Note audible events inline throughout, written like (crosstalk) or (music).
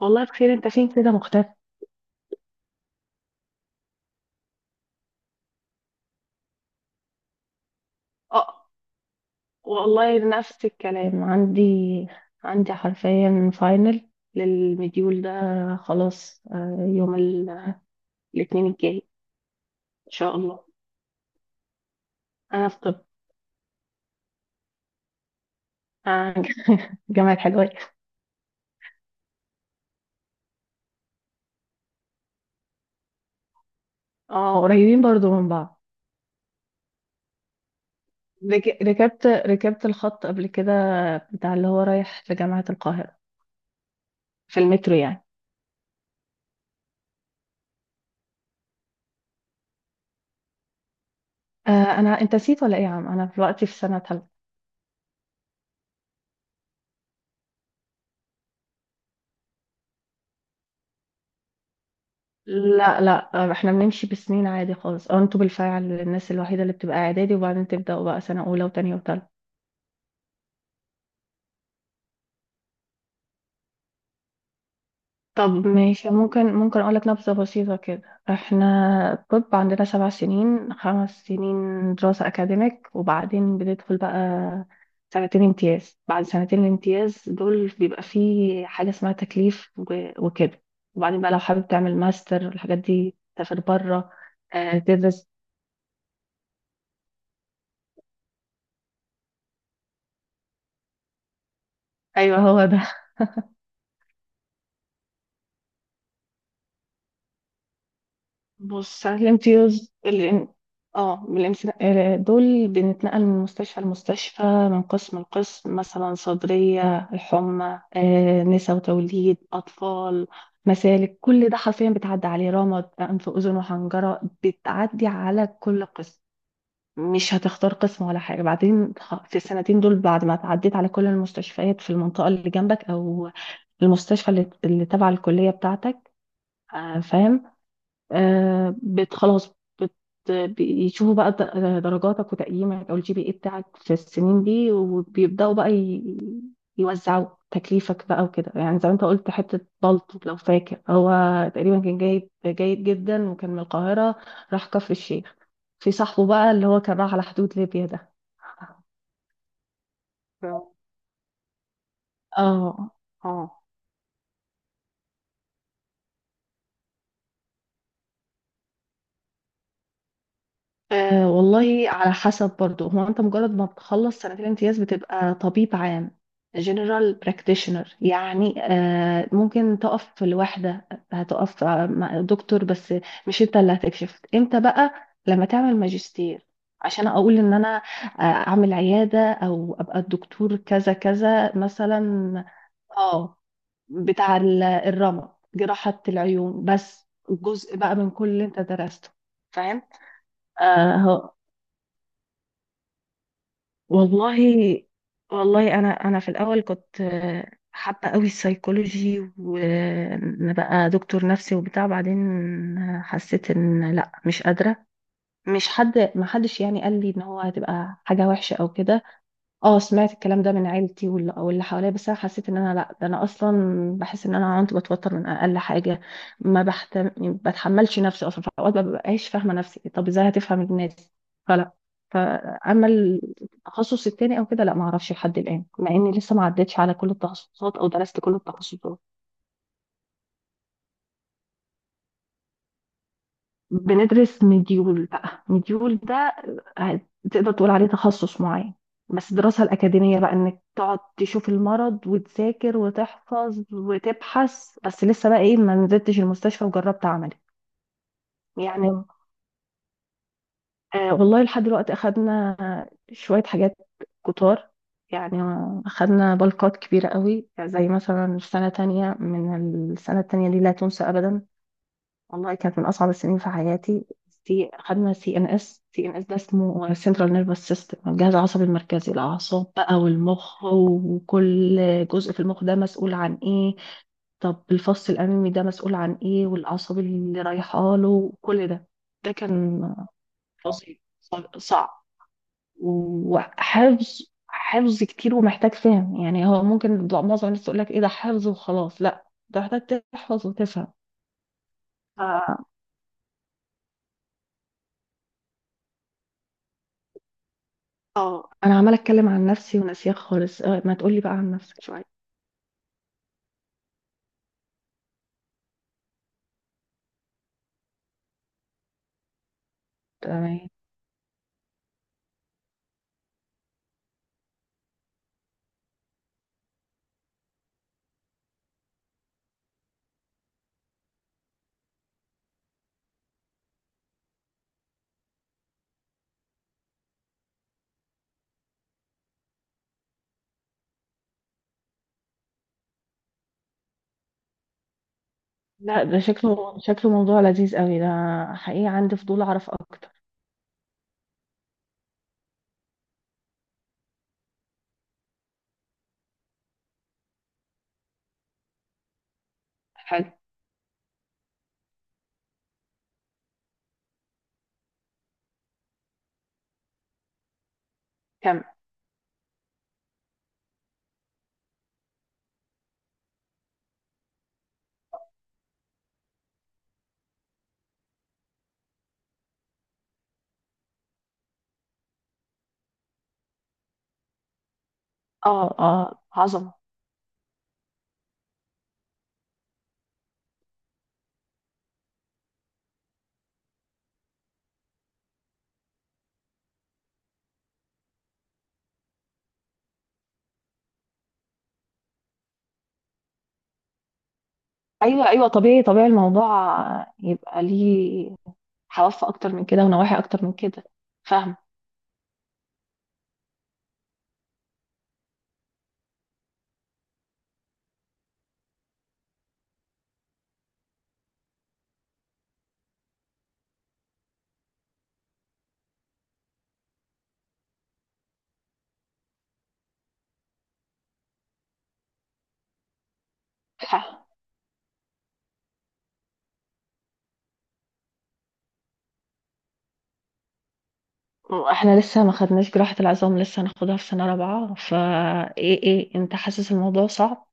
والله بخير، انت فين كده مختفي؟ اه. والله نفس الكلام عندي حرفيا فاينل للمديول ده. خلاص يوم الاثنين الجاي ان شاء الله. انا في طب. آه، (laughs) جامعة حلوان. اه قريبين برضو من بعض. ركبت الخط قبل كده، بتاع اللي هو رايح لجامعة القاهرة، في المترو يعني. آه انا، انت نسيت ولا ايه يا عم؟ انا دلوقتي في سنة تالتة. لا لا، احنا بنمشي بسنين عادي خالص، او انتوا بالفعل الناس الوحيده اللي بتبقى اعدادي وبعدين تبداوا بقى سنه اولى وتانية وتالتة. طب ماشي، ممكن اقول لك نبذه بسيطه كده. احنا الطب عندنا 7 سنين، 5 سنين دراسه اكاديميك وبعدين بندخل بقى سنتين امتياز. بعد سنتين الامتياز دول بيبقى فيه حاجه اسمها تكليف وكده، وبعدين بقى لو حابب تعمل ماستر والحاجات دي تسافر بره. تدرس. ايوه هو ده. بص، ساعات الامتياز اللي اه من الامتنا- آه، دول، بنتنقل من مستشفى لمستشفى، من قسم لقسم. مثلا صدرية، الحمى، نساء وتوليد، أطفال، مسالك، كل ده حرفيا بتعدي عليه. رمد، أنف أذن وحنجرة، بتعدي على كل قسم، مش هتختار قسم ولا حاجة. بعدين في السنتين دول بعد ما تعديت على كل المستشفيات في المنطقة اللي جنبك، أو المستشفى اللي تبع الكلية بتاعتك. فاهم. بت خلاص، بت. بيشوفوا بقى درجاتك وتقييمك او الGPA بتاعك في السنين دي، وبيبداوا بقى يوزعوا تكليفك بقى وكده. يعني زي ما انت قلت، حته بلطو لو فاكر. هو تقريبا كان جايب جيد جدا، وكان من القاهره راح كفر الشيخ. في صاحبه بقى اللي هو كان راح على حدود ليبيا ده. ف- اه. اه. والله على حسب برضو. هو انت مجرد ما بتخلص سنتين الامتياز بتبقى طبيب عام، general practitioner يعني. ممكن تقف لوحدة، هتقف مع دكتور بس، مش انت اللي هتكشف امتى بقى، لما تعمل ماجستير، عشان اقول ان انا اعمل عيادة او ابقى الدكتور كذا كذا مثلا. اه، بتاع الرمد، جراحة العيون، بس جزء بقى من كل اللي انت درسته. فاهم. والله، والله انا في الاول كنت حابه قوي السيكولوجي، وان بقى دكتور نفسي وبتاع. بعدين حسيت ان لا، مش قادره. مش حد، ما حدش يعني قال لي ان هو هتبقى حاجه وحشه او كده. اه سمعت الكلام ده من عيلتي واللي حواليا، بس انا حسيت ان انا لا، ده انا اصلا بحس ان انا كنت بتوتر من اقل حاجه. ما بحتم... بتحملش نفسي اصلا، في اوقات ما ببقاش فاهمه نفسي، طب ازاي هتفهم الناس؟ فلا. فاما التخصص التاني او كده، لا ما اعرفش لحد الان، مع اني لسه ما عدتش على كل التخصصات او درست كل التخصصات. بندرس مديول بقى، مديول ده آه، تقدر تقول عليه تخصص معين. بس الدراسة الأكاديمية بقى، إنك تقعد تشوف المرض وتذاكر وتحفظ وتبحث بس. لسه بقى إيه، ما نزلتش المستشفى وجربت عملي يعني. والله لحد دلوقتي أخدنا شوية حاجات كتار يعني. أخدنا بلقات كبيرة قوي، زي مثلا السنة تانية، من السنة التانية دي لا تنسى أبدا. والله كانت من اصعب السنين في حياتي. في، خدنا CNS. CNS ده اسمه سنترال نيرفس سيستم، الجهاز العصبي المركزي، الاعصاب بقى والمخ، وكل جزء في المخ ده مسؤول عن ايه. طب الفص الامامي ده مسؤول عن ايه، والاعصاب اللي رايحه له وكل ده. ده كان فصل صعب، وحفظ، حفظ كتير، ومحتاج فهم يعني. هو ممكن معظم الناس تقول لك ايه ده، حفظ وخلاص، لا ده محتاج تحفظ وتفهم. اه انا عماله اتكلم عن نفسي وناسياك خالص، ما تقولي بقى عن نفسك شويه. تمام. لا ده شكله موضوع لذيذ قوي ده، حقيقي عندي فضول اعرف اكتر. حلو. كم؟ اه اه، عظمه. ايوه ايوه، طبيعي طبيعي الموضوع، يبقى ليه حواف اكتر من كده ونواحي اكتر من كده. فاهم. ح- احنا لسه ما خدناش جراحه العظام، لسه هناخدها في سنه رابعه. ايه، انت حاسس الموضوع صعب؟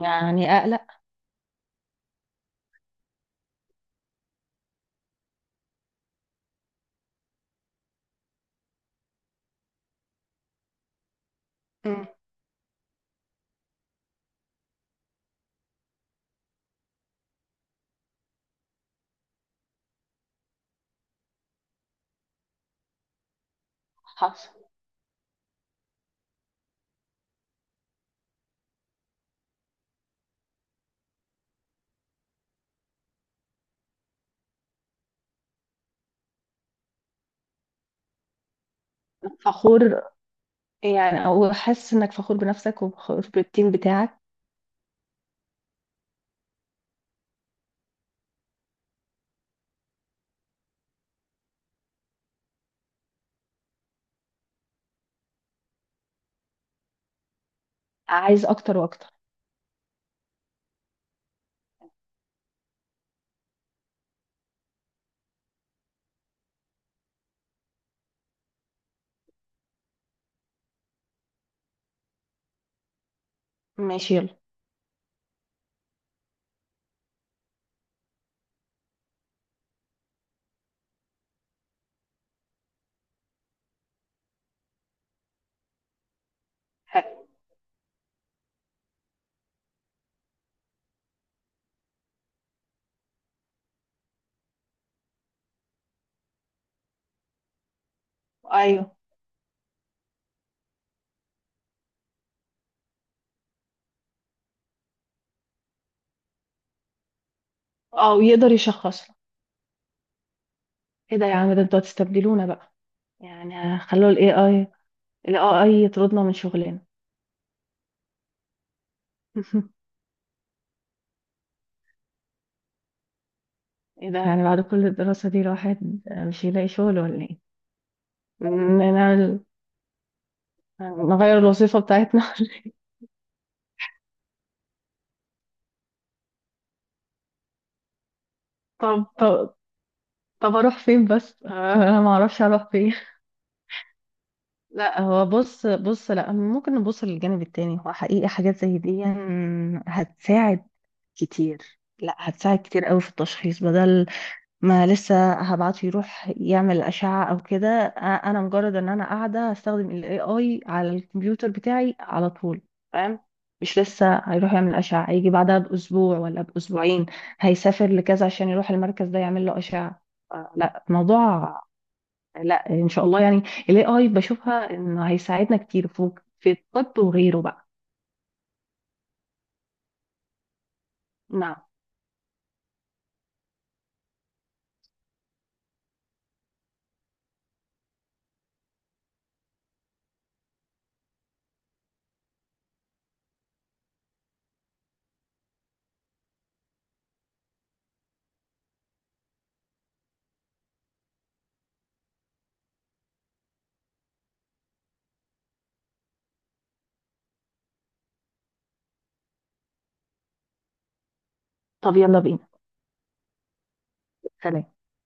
يعني اقلق؟ مم. حاسس. فخور يعني، او حاسس انك فخور بنفسك وفخور بالتيم بتاعك؟ عايز اكتر واكتر. ماشي يلا. حلو. ايوه. اه، يقدر يشخص لك. ايه ده يا عم، ده انتوا هتستبدلونا بقى؟ يعني خلوا الAI، الAI يطردنا من شغلنا. (laughs) ايه ده؟ يعني بعد كل الدراسة دي الواحد مش هيلاقي شغل ولا ايه؟ نعمل، نغير الوظيفة بتاعتنا. (laughs) طب طب. طب اروح فين بس؟ انا ما اعرفش اروح فين. لا، هو بص بص، لا ممكن نبص للجانب التاني. هو حقيقي حاجات زي دي يعني هتساعد كتير. لا، هتساعد كتير قوي في التشخيص، بدل ما لسه هبعته يروح يعمل أشعة او كده. انا مجرد ان انا قاعدة هستخدم ال AI على الكمبيوتر بتاعي على طول، فاهم. مش لسه هيروح يعمل أشعة، هيجي بعدها بأسبوع ولا بأسبوعين، هيسافر لكذا عشان يروح المركز ده يعمل له أشعة. لا الموضوع، لا ان شاء الله يعني، الAI بشوفها انه هيساعدنا كتير في الطب وغيره بقى. نعم. طب يلا بينا. سلام.